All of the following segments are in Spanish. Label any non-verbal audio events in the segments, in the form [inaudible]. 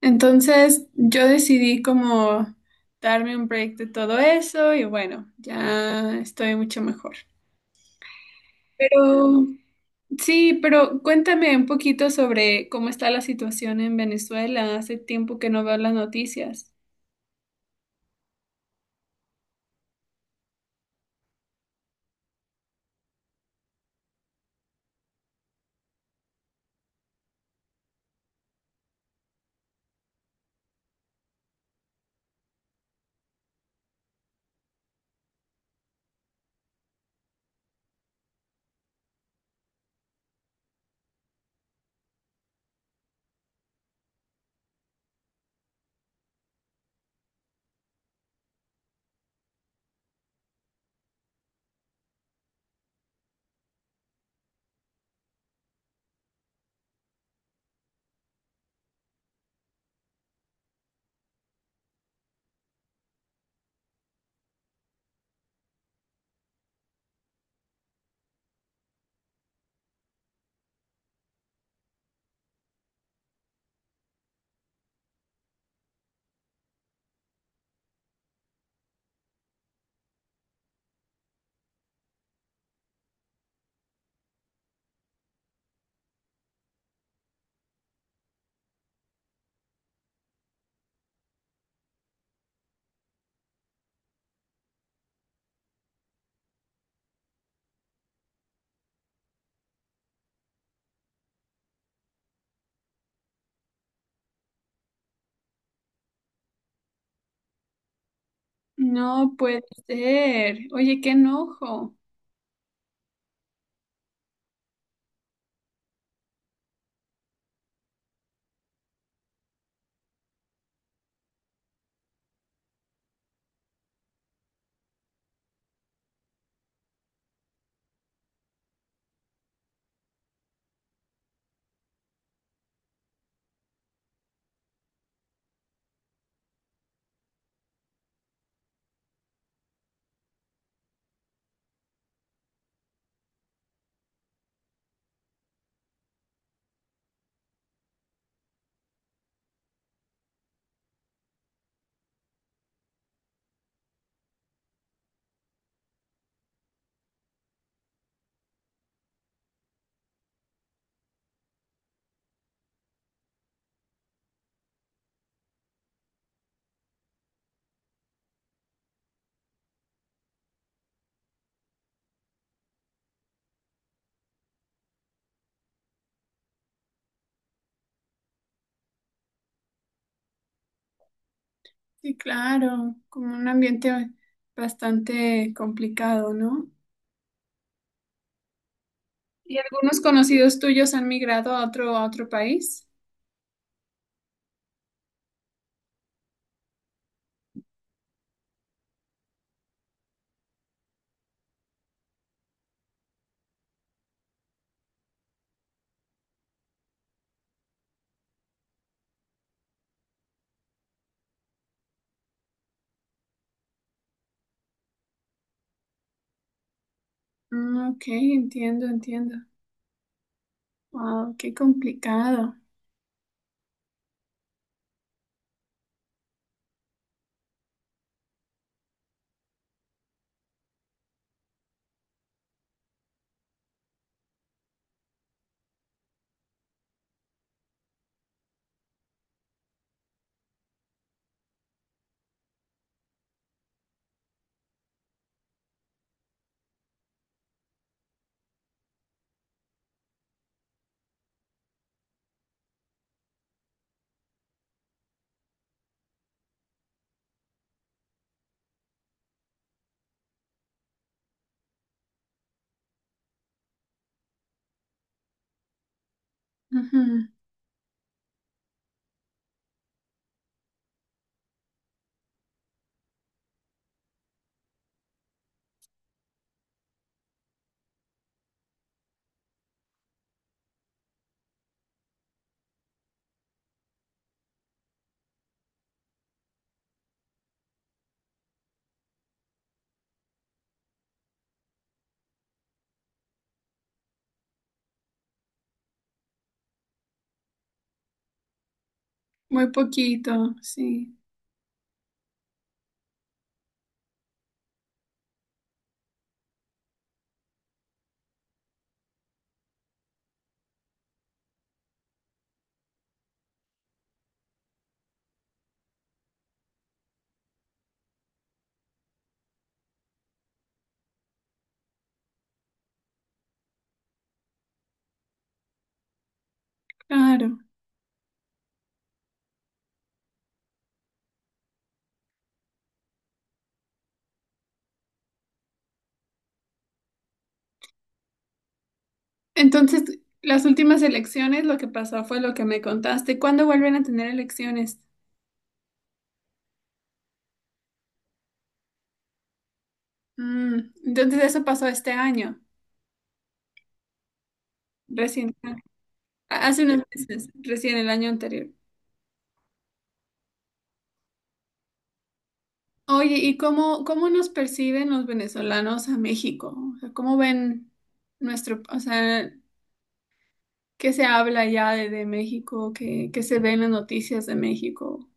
Entonces yo decidí como darme un break de todo eso y bueno, ya estoy mucho mejor. Pero sí, pero cuéntame un poquito sobre cómo está la situación en Venezuela. Hace tiempo que no veo las noticias. No puede ser. Oye, qué enojo. Sí, claro, como un ambiente bastante complicado, ¿no? ¿Y algunos conocidos tuyos han migrado a otro país? Mm, ok, entiendo, entiendo. Wow, qué complicado. Ujú. Muy poquito, sí, claro. Entonces, las últimas elecciones, lo que pasó fue lo que me contaste. ¿Cuándo vuelven a tener elecciones? Mm, entonces, eso pasó este año, recién, hace unos meses, recién el año anterior. Oye, ¿y cómo nos perciben los venezolanos a México? O sea, ¿cómo ven nuestro, o sea, qué se habla ya de México, qué se ve en las noticias de México?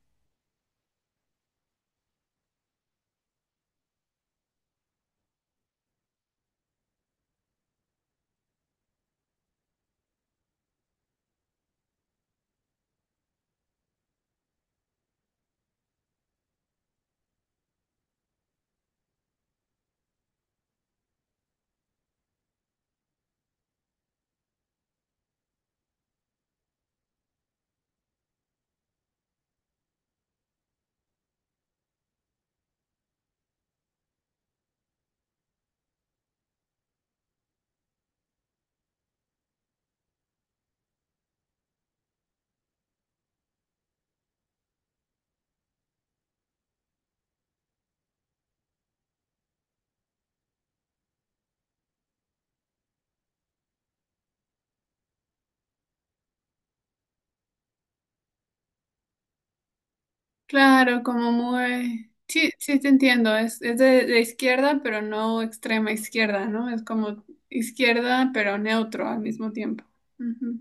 Claro, como muy... Sí, sí te entiendo, es de izquierda, pero no extrema izquierda, ¿no? Es como izquierda, pero neutro al mismo tiempo. Ujú.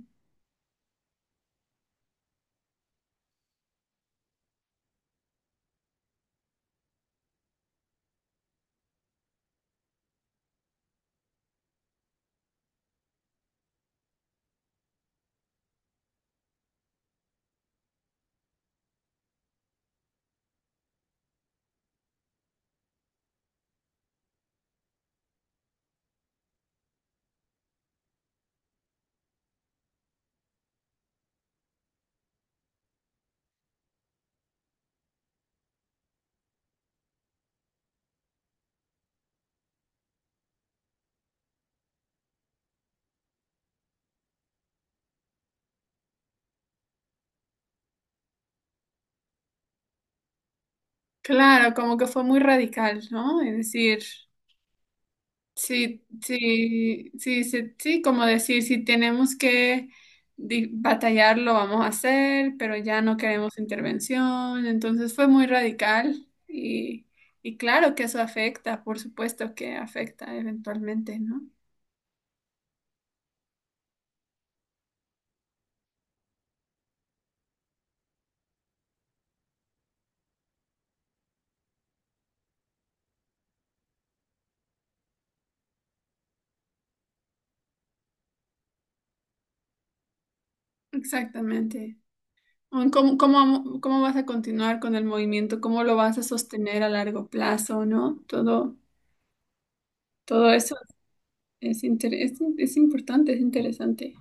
Claro, como que fue muy radical, ¿no? Es decir, sí, sí, sí, sí, sí, como decir, si tenemos que batallar, lo vamos a hacer, pero ya no queremos intervención, entonces fue muy radical y claro que eso afecta, por supuesto que afecta eventualmente, ¿no? Exactamente. O en ¿Cómo vas a continuar con el movimiento? ¿Cómo lo vas a sostener a largo plazo, ¿no? Todo, todo eso es, es importante, es interesante.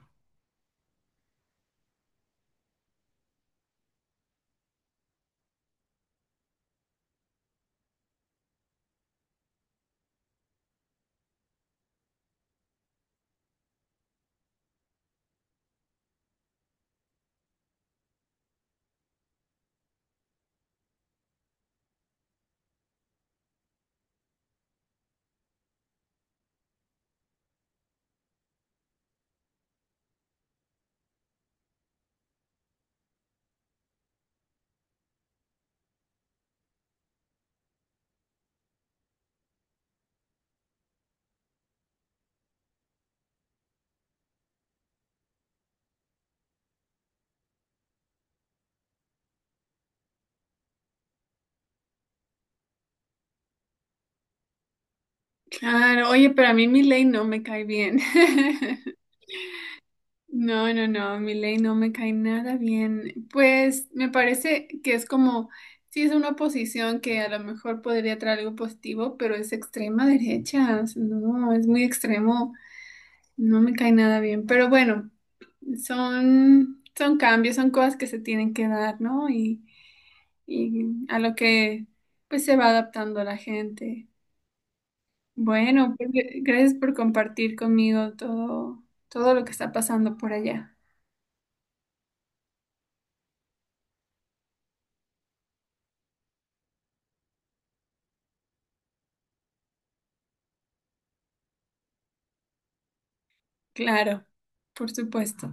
Claro, oye, pero a mí ley no me cae bien. [laughs] No, no, no, ley no me cae nada bien. Pues me parece que es como, sí es una oposición que a lo mejor podría traer algo positivo, pero es extrema derecha. O sea, no, es muy extremo, no me cae nada bien. Pero bueno. Son, son cambios, son cosas que se tienen que dar, ¿no? Y a lo que pues se va adaptando la gente. Bueno, pues, gracias por compartir conmigo todo, todo lo que está pasando por allá. Claro, por supuesto.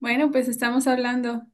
Bueno, pues estamos hablando.